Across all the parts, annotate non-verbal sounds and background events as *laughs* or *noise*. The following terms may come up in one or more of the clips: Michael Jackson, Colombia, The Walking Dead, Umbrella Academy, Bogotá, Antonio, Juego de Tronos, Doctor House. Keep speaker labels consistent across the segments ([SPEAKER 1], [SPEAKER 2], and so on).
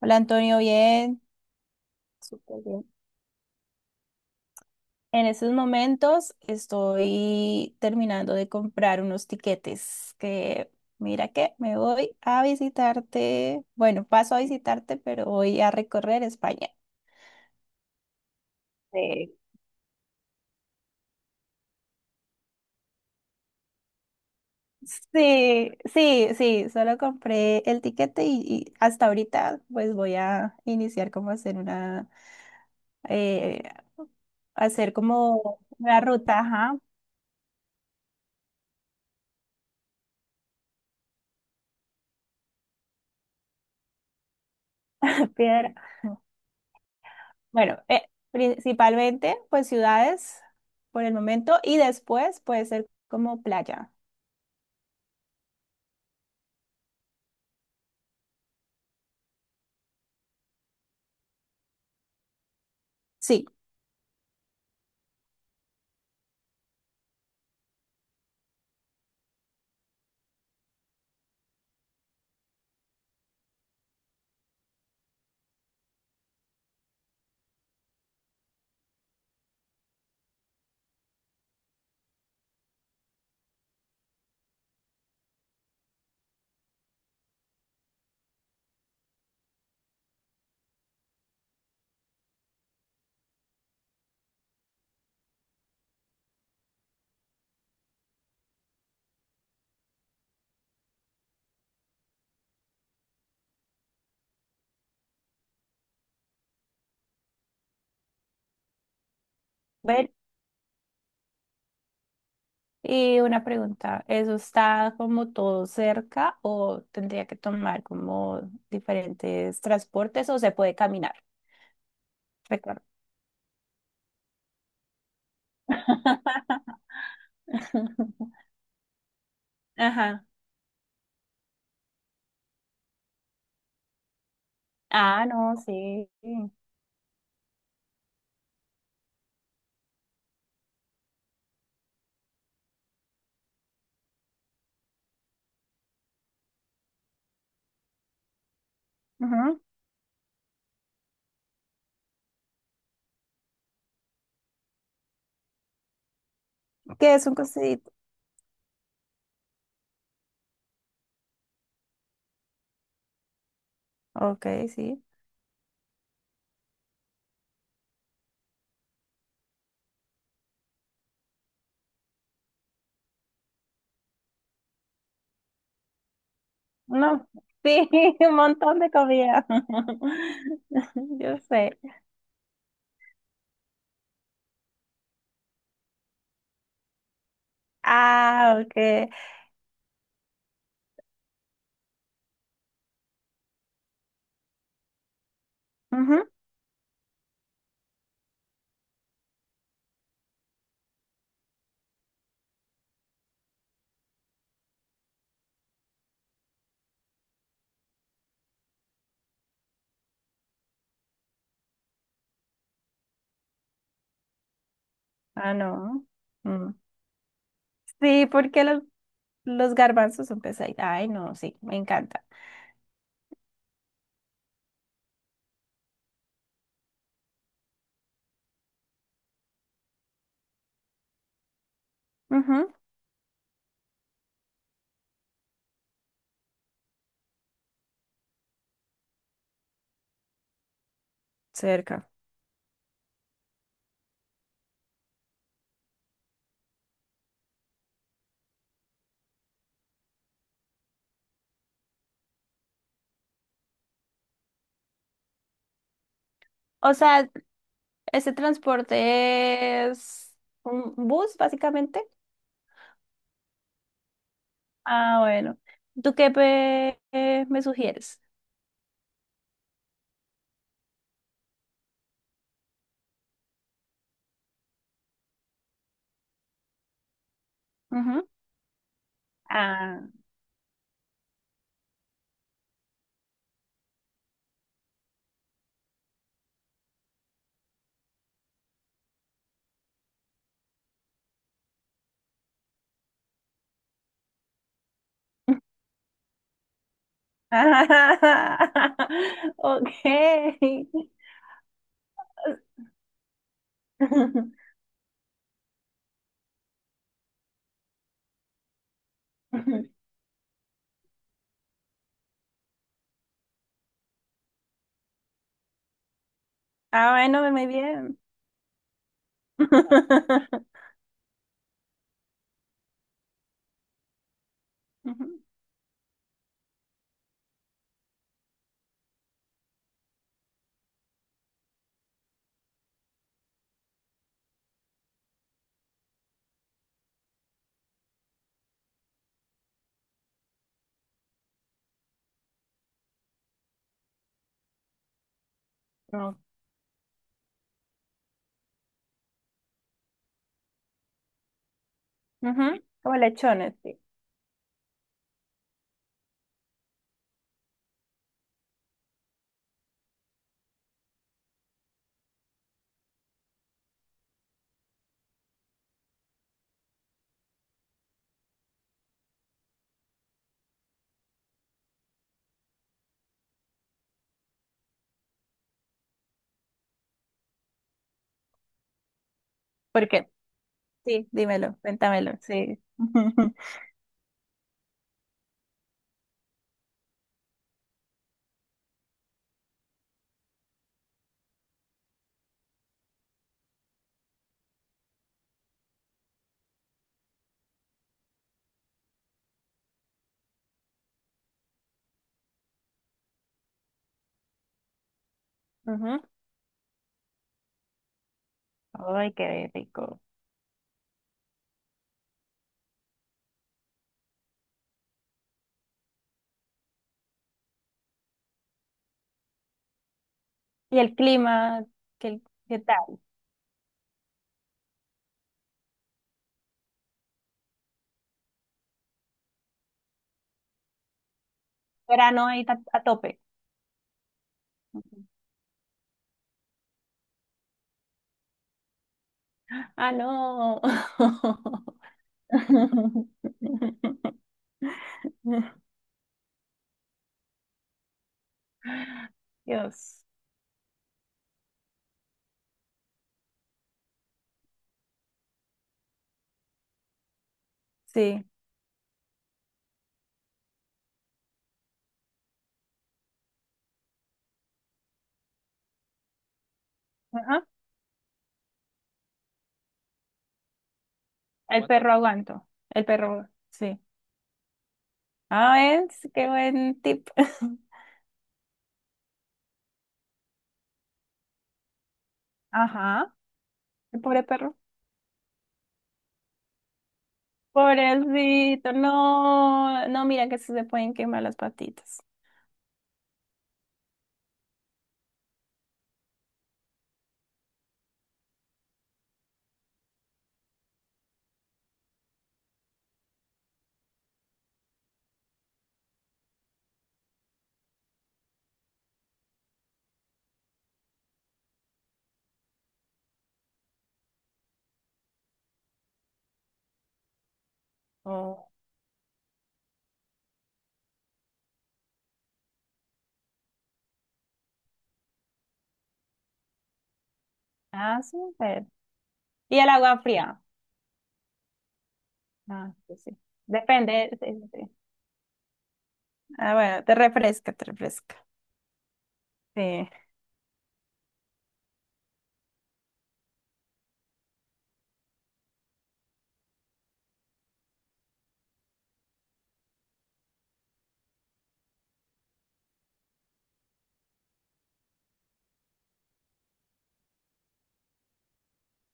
[SPEAKER 1] Hola Antonio, bien. Súper bien. En estos momentos estoy terminando de comprar unos tiquetes que, mira que me voy a visitarte, bueno, paso a visitarte, pero voy a recorrer España. Sí. Sí, sí, sí, solo compré el tiquete y, hasta ahorita pues voy a iniciar como a hacer una, eh, hacer como una ruta, ajá. *laughs* Piedra. Bueno, principalmente pues ciudades por el momento y después puede ser como playa. Sí. Ver, y una pregunta, ¿eso está como todo cerca o tendría que tomar como diferentes transportes o se puede caminar? Recuerdo. *laughs* Ajá. Ah, no, sí. Ujú. ¿Qué es un cosito? Ok, sí. No, sí, *laughs* un montón de comida. *laughs* Yo sé. Ah, ok. Ujú. Ah, no. Mm. Sí, porque los garbanzos son pesaditos. Ay, no, sí, me encanta. Ujú. Cerca. O sea, ese transporte es un bus, básicamente. Ah, bueno. ¿Tú qué pe- me sugieres? Ujú. Ah. *laughs* Ok. *laughs* Ah, bueno, muy bien. *laughs* Ujú. Ujú. Como lechones, sí. ¿Por qué? Sí, dímelo, cuéntamelo, sí. *laughs* Ujú. Ay, qué rico. ¿Y el clima? ¿Qué, qué tal? Verano ahí ta- a, tope. Ujú. Ah, no. *laughs* Dios. Sí. Ajá. El perro aguanto. El perro, sí. Ah, es, qué buen tip. *laughs* Ajá. El pobre perro. Pobrecito, no, no, mira que se le pueden quemar las patitas. Oh, ah, súper. Y el agua fría. Ah, sí, sí. Depende, sí, sí, sí. Ah, bueno, te refresca, te refresca. Sí,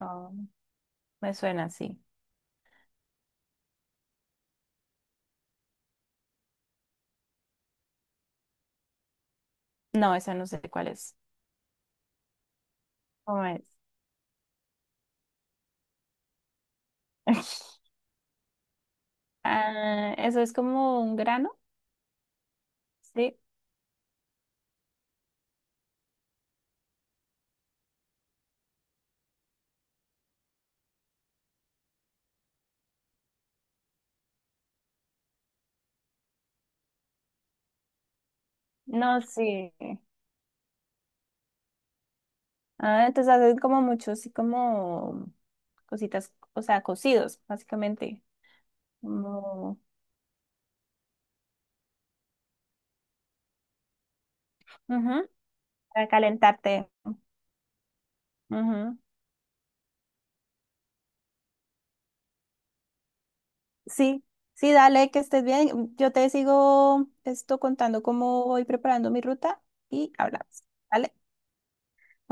[SPEAKER 1] oh, me suena así. No, esa no sé cuál es. ¿Cómo es? *laughs* Ah, eso es como un grano, sí. No, sí. Ah, entonces hacen como muchos así como cositas, o sea, cocidos, básicamente. Como... ujú. Para calentarte. Ujú. Sí, sí, dale, que estés bien. Yo te sigo esto contando cómo voy preparando mi ruta y hablamos. ¿Vale?